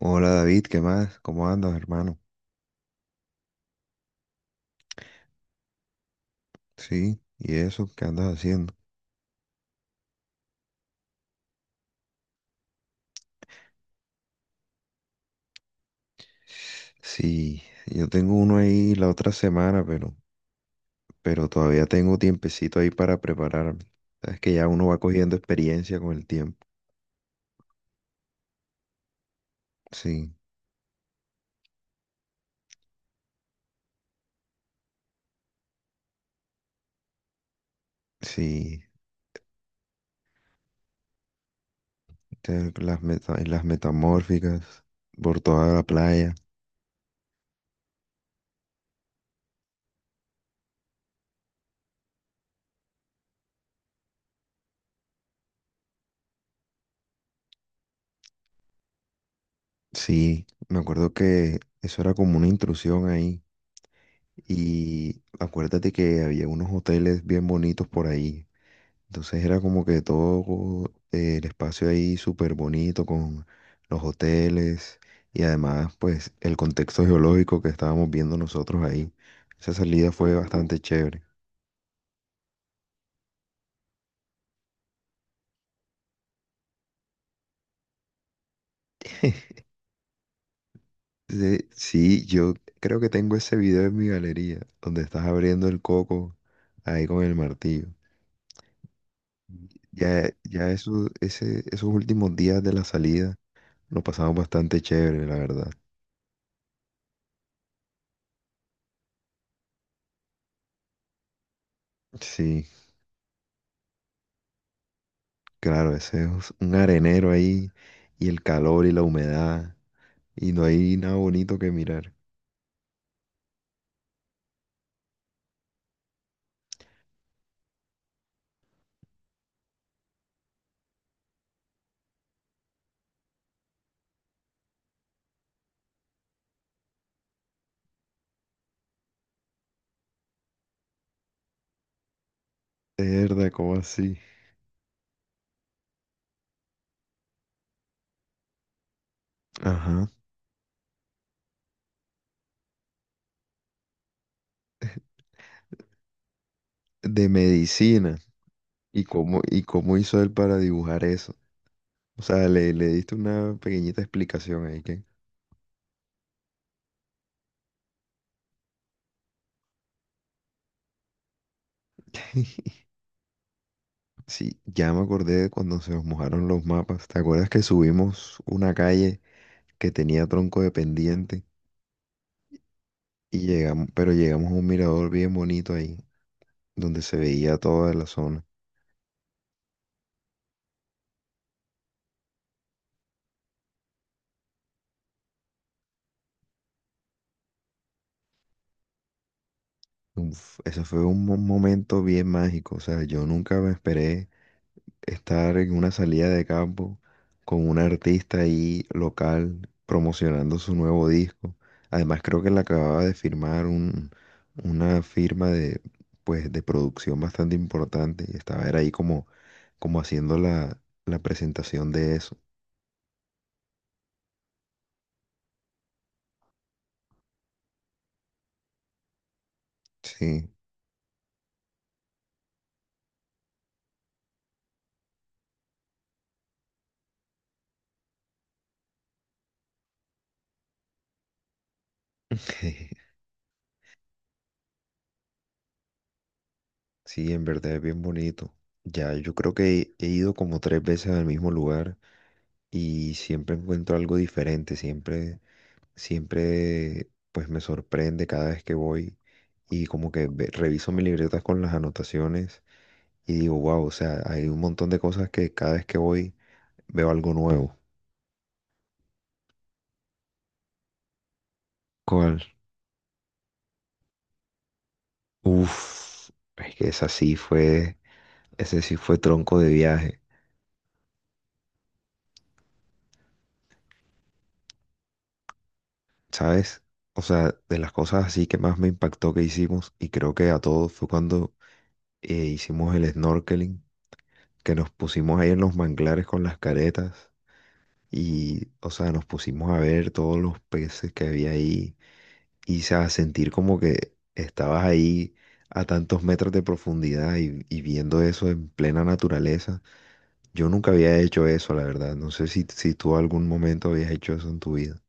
Hola David, ¿qué más? ¿Cómo andas, hermano? Sí, ¿y eso? ¿Qué andas haciendo? Sí, yo tengo uno ahí la otra semana, pero todavía tengo tiempecito ahí para prepararme. Sabes que ya uno va cogiendo experiencia con el tiempo. Sí, sí, las metamórficas por toda la playa. Sí, me acuerdo que eso era como una intrusión ahí. Y acuérdate que había unos hoteles bien bonitos por ahí. Entonces era como que todo el espacio ahí súper bonito con los hoteles y además pues el contexto geológico que estábamos viendo nosotros ahí. Esa salida fue bastante chévere. Sí, sí, yo creo que tengo ese video en mi galería donde estás abriendo el coco ahí con el martillo. Ya, esos últimos días de la salida lo pasamos bastante chévere, la verdad. Sí. Claro, ese es un arenero ahí y el calor y la humedad y no hay nada bonito que mirar. Verdad, ¿cómo así? Ajá. De medicina. ¿Y cómo hizo él para dibujar eso? O sea, le diste una pequeñita explicación ahí que... Sí, ya me acordé de cuando se nos mojaron los mapas. ¿Te acuerdas que subimos una calle que tenía tronco de pendiente y llegamos, pero llegamos a un mirador bien bonito ahí, donde se veía toda la zona? Uf, eso fue un momento bien mágico, o sea, yo nunca me esperé estar en una salida de campo con un artista ahí local promocionando su nuevo disco. Además, creo que le acababa de firmar una firma de, pues, de producción bastante importante y estaba era ahí como, como haciendo la presentación de eso. Sí. Sí, en verdad es bien bonito. Ya, yo creo que he ido como tres veces al mismo lugar. Y siempre encuentro algo diferente, siempre, siempre pues me sorprende cada vez que voy y como que reviso mi libreta con las anotaciones y digo, wow, o sea, hay un montón de cosas que cada vez que voy veo algo nuevo. ¿Cuál? Uf, es que esa sí fue, ese sí fue tronco de viaje, ¿sabes? O sea, de las cosas así que más me impactó que hicimos y creo que a todos fue cuando hicimos el snorkeling que nos pusimos ahí en los manglares con las caretas. Y, o sea, nos pusimos a ver todos los peces que había ahí y, o sea, sentir como que estabas ahí a tantos metros de profundidad y viendo eso en plena naturaleza. Yo nunca había hecho eso, la verdad. No sé si tú algún momento habías hecho eso en tu vida.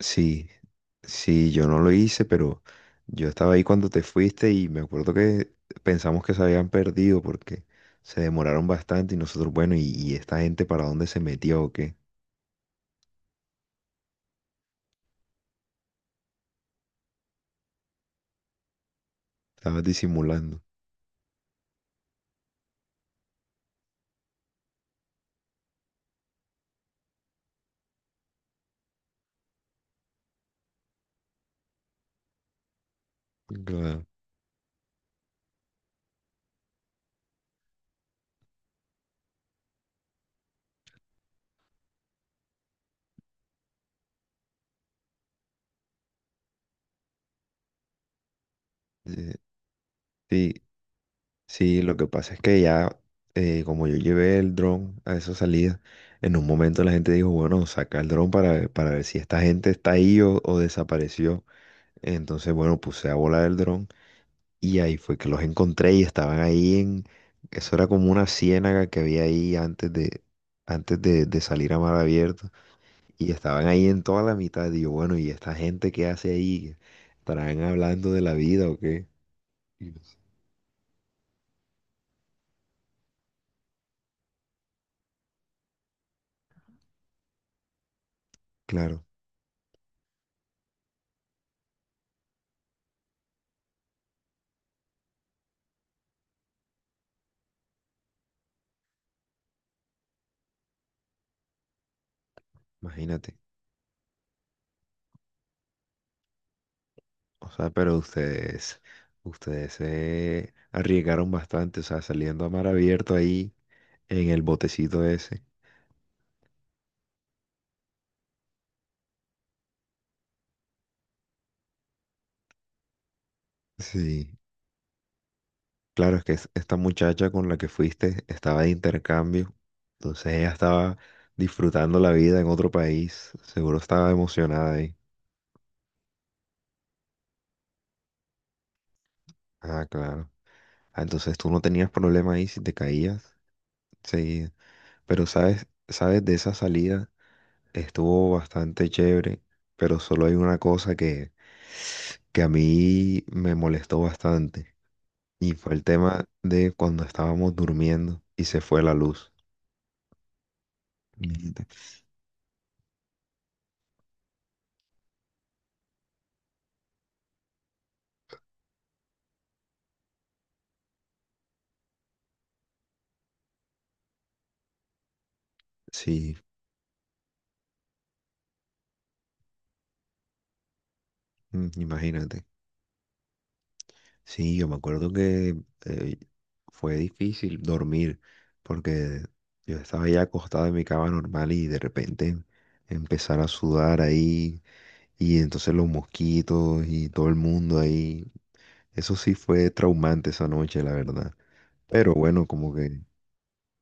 Sí, sí, yo no lo hice, pero yo estaba ahí cuando te fuiste y me acuerdo que pensamos que se habían perdido porque se demoraron bastante y nosotros, bueno, ¿y esta gente para dónde se metió o qué? Estabas disimulando. Claro. Eh, Sí, sí, lo que pasa es que ya, como yo llevé el dron a esa salida, en un momento la gente dijo, bueno, saca el dron para, para ver si esta gente está ahí o desapareció. Entonces, bueno, puse a volar el dron y ahí fue que los encontré y estaban ahí en, eso era como una ciénaga que había ahí antes de salir a mar abierto y estaban ahí en toda la mitad. Y yo, bueno, ¿y esta gente qué hace ahí? ¿Estarán hablando de la vida o qué? Y no. Claro. Imagínate. O sea, ustedes se arriesgaron bastante, o sea, saliendo a mar abierto ahí en el botecito ese. Sí. Claro, es que esta muchacha con la que fuiste estaba de intercambio, entonces ella estaba disfrutando la vida en otro país, seguro estaba emocionada ahí. Ah, claro. Ah, entonces tú no tenías problema ahí si te caías. Sí, pero sabes, sabes de esa salida. Estuvo bastante chévere, pero solo hay una cosa que a mí me molestó bastante y fue el tema de cuando estábamos durmiendo y se fue la luz. Imagínate. Sí, mm, imagínate. Sí, yo me acuerdo que eh, fue difícil dormir porque yo estaba ya acostado en mi cama normal y de repente empezar a sudar ahí y entonces los mosquitos y todo el mundo ahí. Eso sí fue traumante esa noche, la verdad. Pero bueno, como que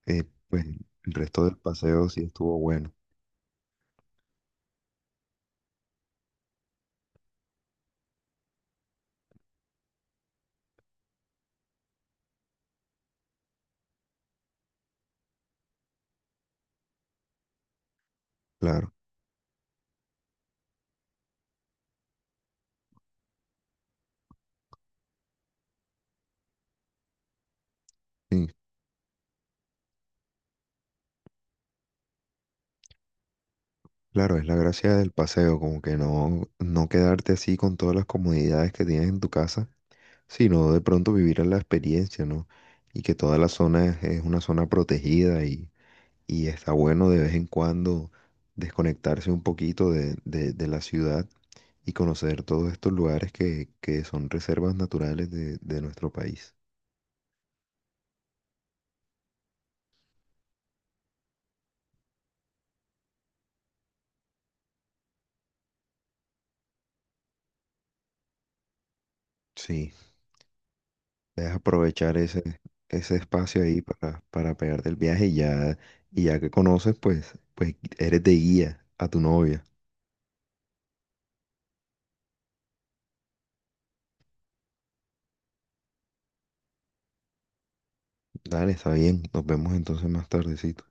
pues, el resto del paseo sí estuvo bueno, claro. Sí, claro, es la gracia del paseo, como que no, no quedarte así con todas las comodidades que tienes en tu casa, sino de pronto vivir la experiencia, ¿no? Y que toda la zona es una zona protegida y está bueno de vez en cuando desconectarse un poquito de la ciudad y conocer todos estos lugares que son reservas naturales de nuestro país. Sí, debes aprovechar ese espacio ahí para pegarte el viaje y ya que conoces, pues eres de guía a tu novia. Dale, está bien, nos vemos entonces más tardecito.